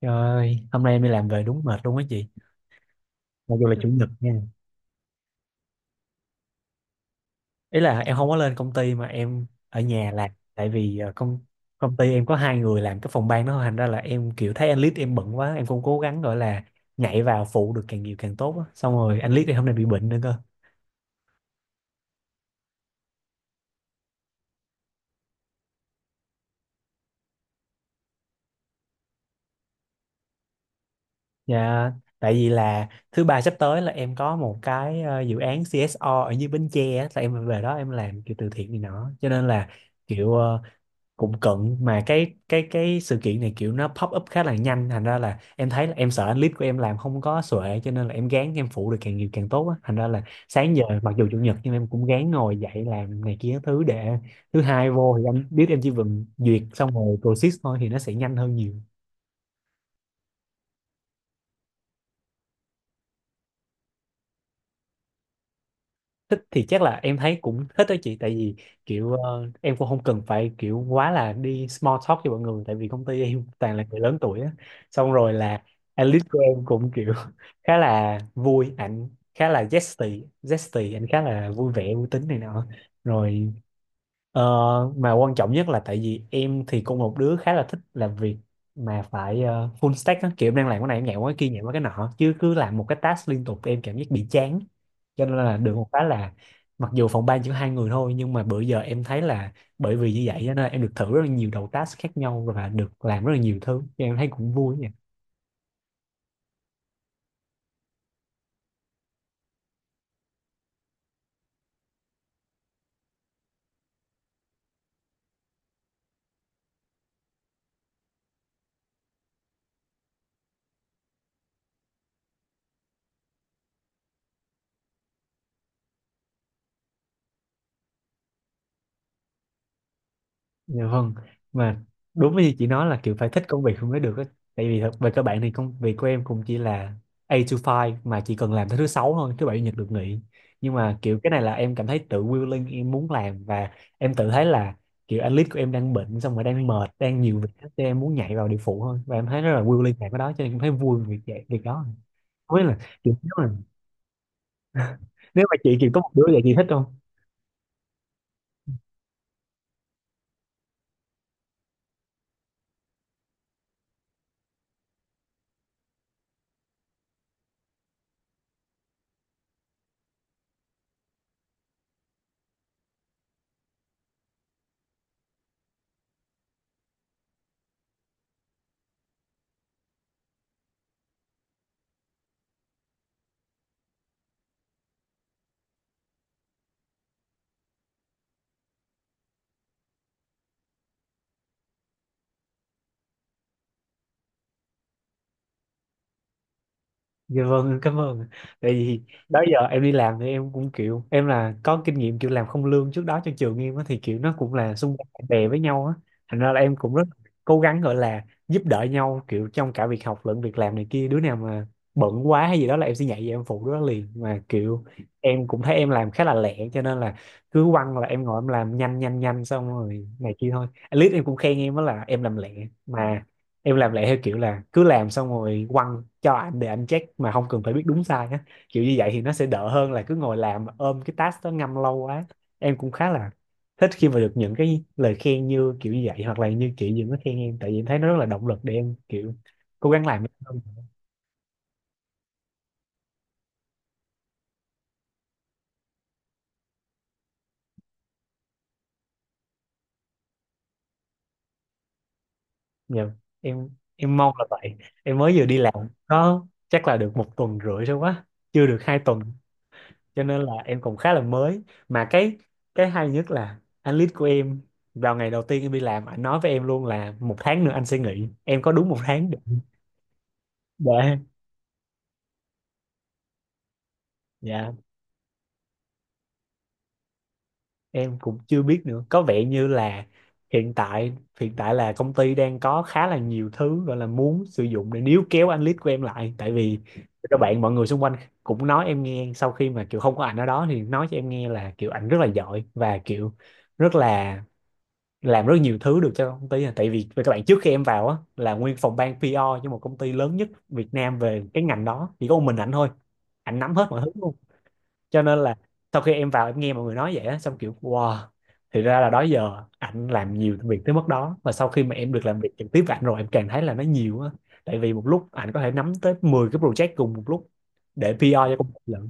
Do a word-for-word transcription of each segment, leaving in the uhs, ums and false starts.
Trời ơi, hôm nay em đi làm về đúng mệt luôn á chị. Mặc dù là, ừ, chủ nhật nha. Ý là em không có lên công ty mà em ở nhà làm. Tại vì ờ, công công ty em có hai người làm cái phòng ban đó. Thành ra là em kiểu thấy anh Lít em bận quá. Em cũng cố gắng gọi là nhảy vào phụ được càng nhiều càng tốt á. Xong rồi anh Lít thì hôm nay bị bệnh nữa cơ. Dạ, tại vì là thứ ba sắp tới là em có một cái ờ, dự án xê ét rờ ở dưới Bến Tre á. Là em về đó em làm kiểu từ thiện này nọ. Cho nên là kiểu ờ, cũng cận, mà cái cái cái sự kiện này kiểu nó pop up khá là nhanh, thành ra là em thấy là em sợ clip của em làm không có xuệ, cho nên là em gán em phụ được càng nhiều càng tốt á. Thành ra là sáng giờ mặc dù chủ nhật nhưng em cũng gán ngồi dậy làm này kia thứ để thứ hai vô thì anh biết em chỉ cần duyệt xong rồi process thôi thì nó sẽ nhanh hơn nhiều. Thích thì chắc là em thấy cũng thích đó chị, tại vì kiểu ờ, em cũng không cần phải kiểu quá là đi small talk cho mọi người, tại vì công ty em toàn là người lớn tuổi á. Xong rồi là Alice của em cũng kiểu khá là vui, ảnh khá là zesty zesty, ảnh khá là vui vẻ vui tính này nọ rồi. Ờ, mà quan trọng nhất là tại vì em thì cũng một đứa khá là thích làm việc mà phải ờ, full stack á, kiểu em đang làm cái này em nhảy qua cái kia nhảy qua cái nọ, chứ cứ làm một cái task liên tục em cảm giác bị chán. Cho nên là được một cái là mặc dù phòng ban chỉ có hai người thôi nhưng mà bữa giờ em thấy là bởi vì như vậy cho nên em được thử rất là nhiều đầu task khác nhau và được làm rất là nhiều thứ cho em thấy cũng vui. Dạ vâng, mà đúng như chị nói là kiểu phải thích công việc không mới được á, tại vì thật về các bạn thì công việc của em cũng chỉ là tám to năm, mà chỉ cần làm tới thứ sáu thôi, thứ bảy chủ nhật được nghỉ. Nhưng mà kiểu cái này là em cảm thấy tự willing em muốn làm, và em tự thấy là kiểu analyst của em đang bệnh xong rồi đang mệt đang nhiều việc hết, em muốn nhảy vào địa phụ thôi, và em thấy rất là willing làm cái đó cho nên em thấy vui về việc vậy việc đó. Không biết là kiểu nếu mà nếu mà chị kiểu có một đứa vậy chị thích không? Dạ vâng, em cảm ơn. Tại vì đó giờ em đi làm thì em cũng kiểu em là có kinh nghiệm kiểu làm không lương trước đó cho trường em á, thì kiểu nó cũng là xung quanh bạn bè với nhau á. Thành ra là em cũng rất cố gắng gọi là giúp đỡ nhau, kiểu trong cả việc học lẫn việc làm này kia. Đứa nào mà bận quá hay gì đó là em sẽ nhảy vào em phụ đứa đó liền. Mà kiểu em cũng thấy em làm khá là lẹ, cho nên là cứ quăng là em ngồi em làm nhanh nhanh nhanh xong rồi này kia thôi. At least em cũng khen em đó là em làm lẹ. Mà em làm lại theo kiểu là cứ làm xong rồi quăng cho anh để anh check mà không cần phải biết đúng sai á, kiểu như vậy thì nó sẽ đỡ hơn là cứ ngồi làm ôm cái task đó ngâm lâu quá. Em cũng khá là thích khi mà được những cái lời khen như kiểu như vậy, hoặc là như chị Dừng có khen em, tại vì em thấy nó rất là động lực để em kiểu cố gắng làm hơn. Nhiều, em em mong là vậy. Em mới vừa đi làm có chắc là được một tuần rưỡi thôi, quá chưa được hai tuần, cho nên là em còn khá là mới. Mà cái cái hay nhất là anh lead của em vào ngày đầu tiên em đi làm anh nói với em luôn là một tháng nữa anh sẽ nghỉ, em có đúng một tháng để, để Dạ, em cũng chưa biết nữa, có vẻ như là hiện tại hiện tại là công ty đang có khá là nhiều thứ gọi là muốn sử dụng để níu kéo anh lead của em lại. Tại vì các bạn mọi người xung quanh cũng nói em nghe sau khi mà kiểu không có ảnh ở đó thì nói cho em nghe là kiểu ảnh rất là giỏi và kiểu rất là làm rất nhiều thứ được cho công ty à. Tại vì về các bạn trước khi em vào á là nguyên phòng ban pê rờ cho một công ty lớn nhất Việt Nam về cái ngành đó chỉ có một mình ảnh thôi, ảnh nắm hết mọi thứ luôn. Cho nên là sau khi em vào em nghe mọi người nói vậy á xong kiểu wow, thì ra là đó giờ ảnh làm nhiều việc tới mức đó. Và sau khi mà em được làm việc trực tiếp với ảnh rồi em càng thấy là nó nhiều á, tại vì một lúc ảnh có thể nắm tới mười cái project cùng một lúc để pê rờ cho công ty lận,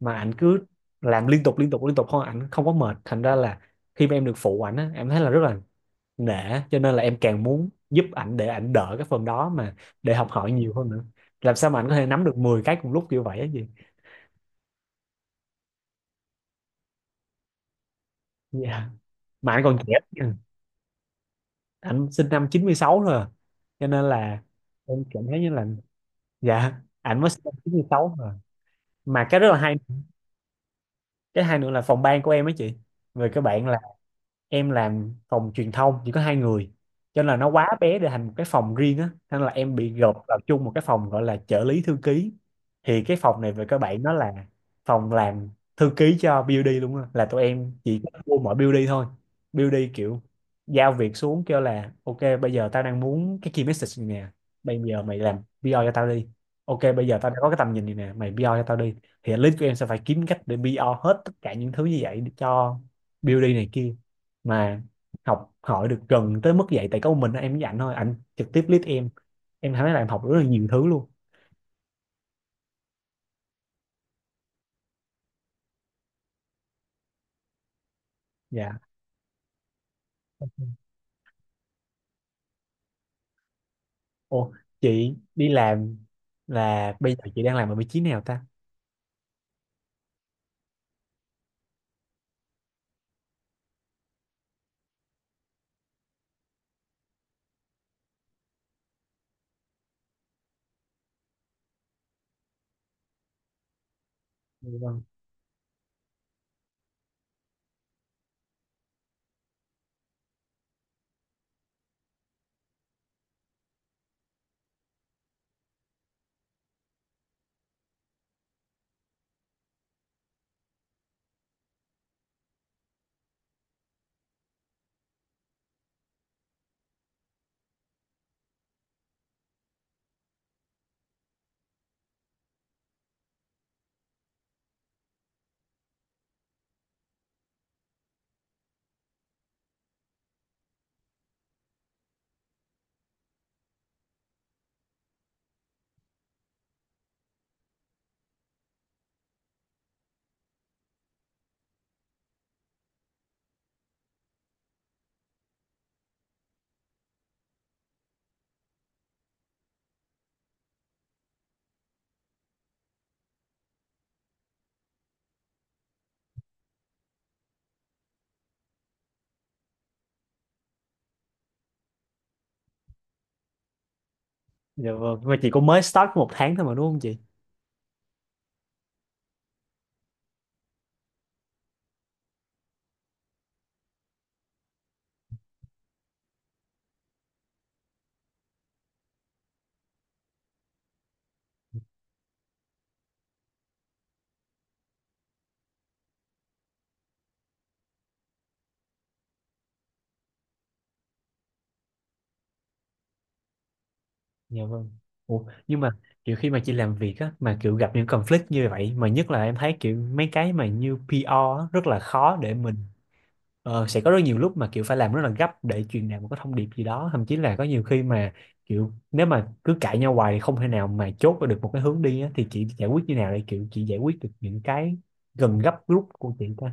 mà ảnh cứ làm liên tục liên tục liên tục thôi. Ảnh không có mệt, thành ra là khi mà em được phụ ảnh á em thấy là rất là nể, cho nên là em càng muốn giúp ảnh để ảnh đỡ cái phần đó, mà để học hỏi nhiều hơn nữa, làm sao mà ảnh có thể nắm được mười cái cùng lúc kiểu vậy á gì. Dạ, mà ảnh còn trẻ nha. Ảnh sinh năm chín mươi sáu thôi à, cho nên là em cảm thấy như là, dạ, ảnh mới sinh năm chín sáu thôi à. Mà cái rất là hay, cái hay nữa là phòng ban của em á chị, về các bạn là em làm phòng truyền thông chỉ có hai người, cho nên là nó quá bé để thành một cái phòng riêng á, nên là em bị gộp vào chung một cái phòng gọi là trợ lý thư ký. Thì cái phòng này về các bạn nó là phòng làm thư ký cho bê u đê luôn á, là tụi em chỉ có mua mỗi bớt thôi. bê u đê kiểu giao việc xuống kêu là ok bây giờ tao đang muốn cái key message này nè, bây giờ mày làm pi a cho tao đi. Ok bây giờ tao đã có cái tầm nhìn này nè, mày pi a cho tao đi. Thì list của em sẽ phải kiếm cách để pi a hết tất cả những thứ như vậy cho bớt này kia. Mà học hỏi được gần tới mức vậy tại có một mình em với ảnh thôi, ảnh trực tiếp lead em em thấy là em học rất là nhiều thứ luôn. Dạ. Ô, chị đi làm là bây giờ chị đang làm ở vị trí nào ta? Dạ vâng. Dạ vâng, mà chị cũng mới start có một tháng thôi mà đúng không chị? Dạ vâng. Ủa, nhưng mà kiểu khi mà chị làm việc á mà kiểu gặp những conflict như vậy, mà nhất là em thấy kiểu mấy cái mà như pê rờ á, rất là khó để mình Ờ, sẽ có rất nhiều lúc mà kiểu phải làm rất là gấp để truyền đạt một cái thông điệp gì đó, thậm chí là có nhiều khi mà kiểu nếu mà cứ cãi nhau hoài thì không thể nào mà chốt được một cái hướng đi á, thì chị giải quyết như nào để kiểu chị giải quyết được những cái gần gấp rút của chị ta?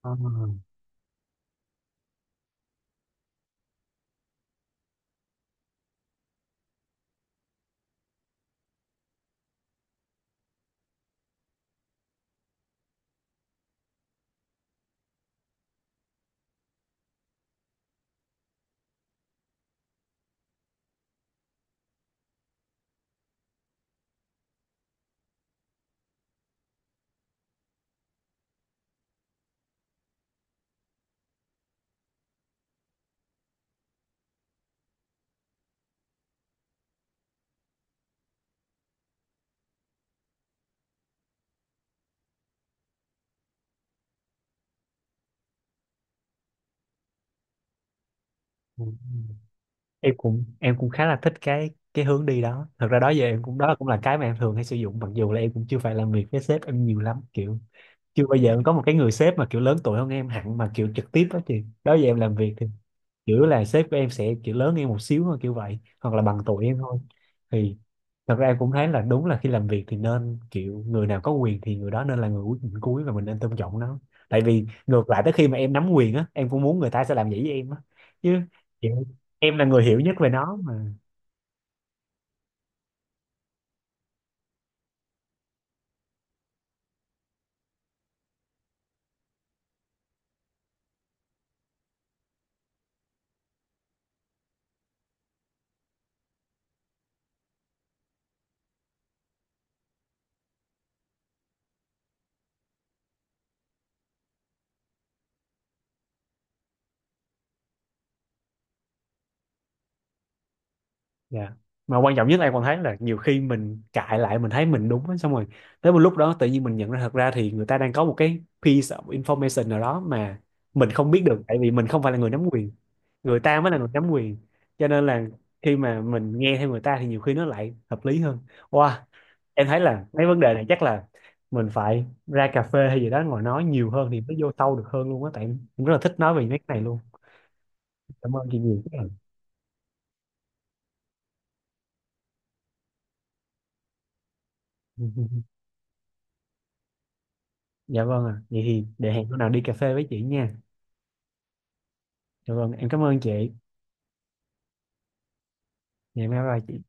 Ờ, ừ, em cũng em cũng khá là thích cái cái hướng đi đó. Thật ra đó giờ em cũng đó cũng là cái mà em thường hay sử dụng, mặc dù là em cũng chưa phải làm việc với sếp em nhiều lắm, kiểu chưa bao giờ em có một cái người sếp mà kiểu lớn tuổi hơn em hẳn mà kiểu trực tiếp đó chị, đó giờ em làm việc thì kiểu là sếp của em sẽ kiểu lớn em một xíu thôi kiểu vậy hoặc là bằng tuổi em thôi. Thì thật ra em cũng thấy là đúng là khi làm việc thì nên kiểu người nào có quyền thì người đó nên là người cuối người cuối, và mình nên tôn trọng nó. Tại vì ngược lại tới khi mà em nắm quyền á em cũng muốn người ta sẽ làm vậy với em á chứ, kiểu em là người hiểu nhất về nó mà. Dạ. Mà quan trọng nhất em còn thấy là nhiều khi mình cãi lại mình thấy mình đúng á, xong rồi tới một lúc đó tự nhiên mình nhận ra thật ra thì người ta đang có một cái piece of information nào đó mà mình không biết được, tại vì mình không phải là người nắm quyền, người ta mới là người nắm quyền, cho nên là khi mà mình nghe theo người ta thì nhiều khi nó lại hợp lý hơn. Wow, em thấy là mấy vấn đề này chắc là mình phải ra cà phê hay gì đó ngồi nói nhiều hơn thì mới vô sâu được hơn luôn á, tại em rất là thích nói về mấy cái này luôn. Cảm ơn chị nhiều. Dạ vâng ạ. Vậy thì để hẹn hôm nào đi cà phê với chị nha. Dạ vâng, em cảm ơn chị. Ngày mai bye chị.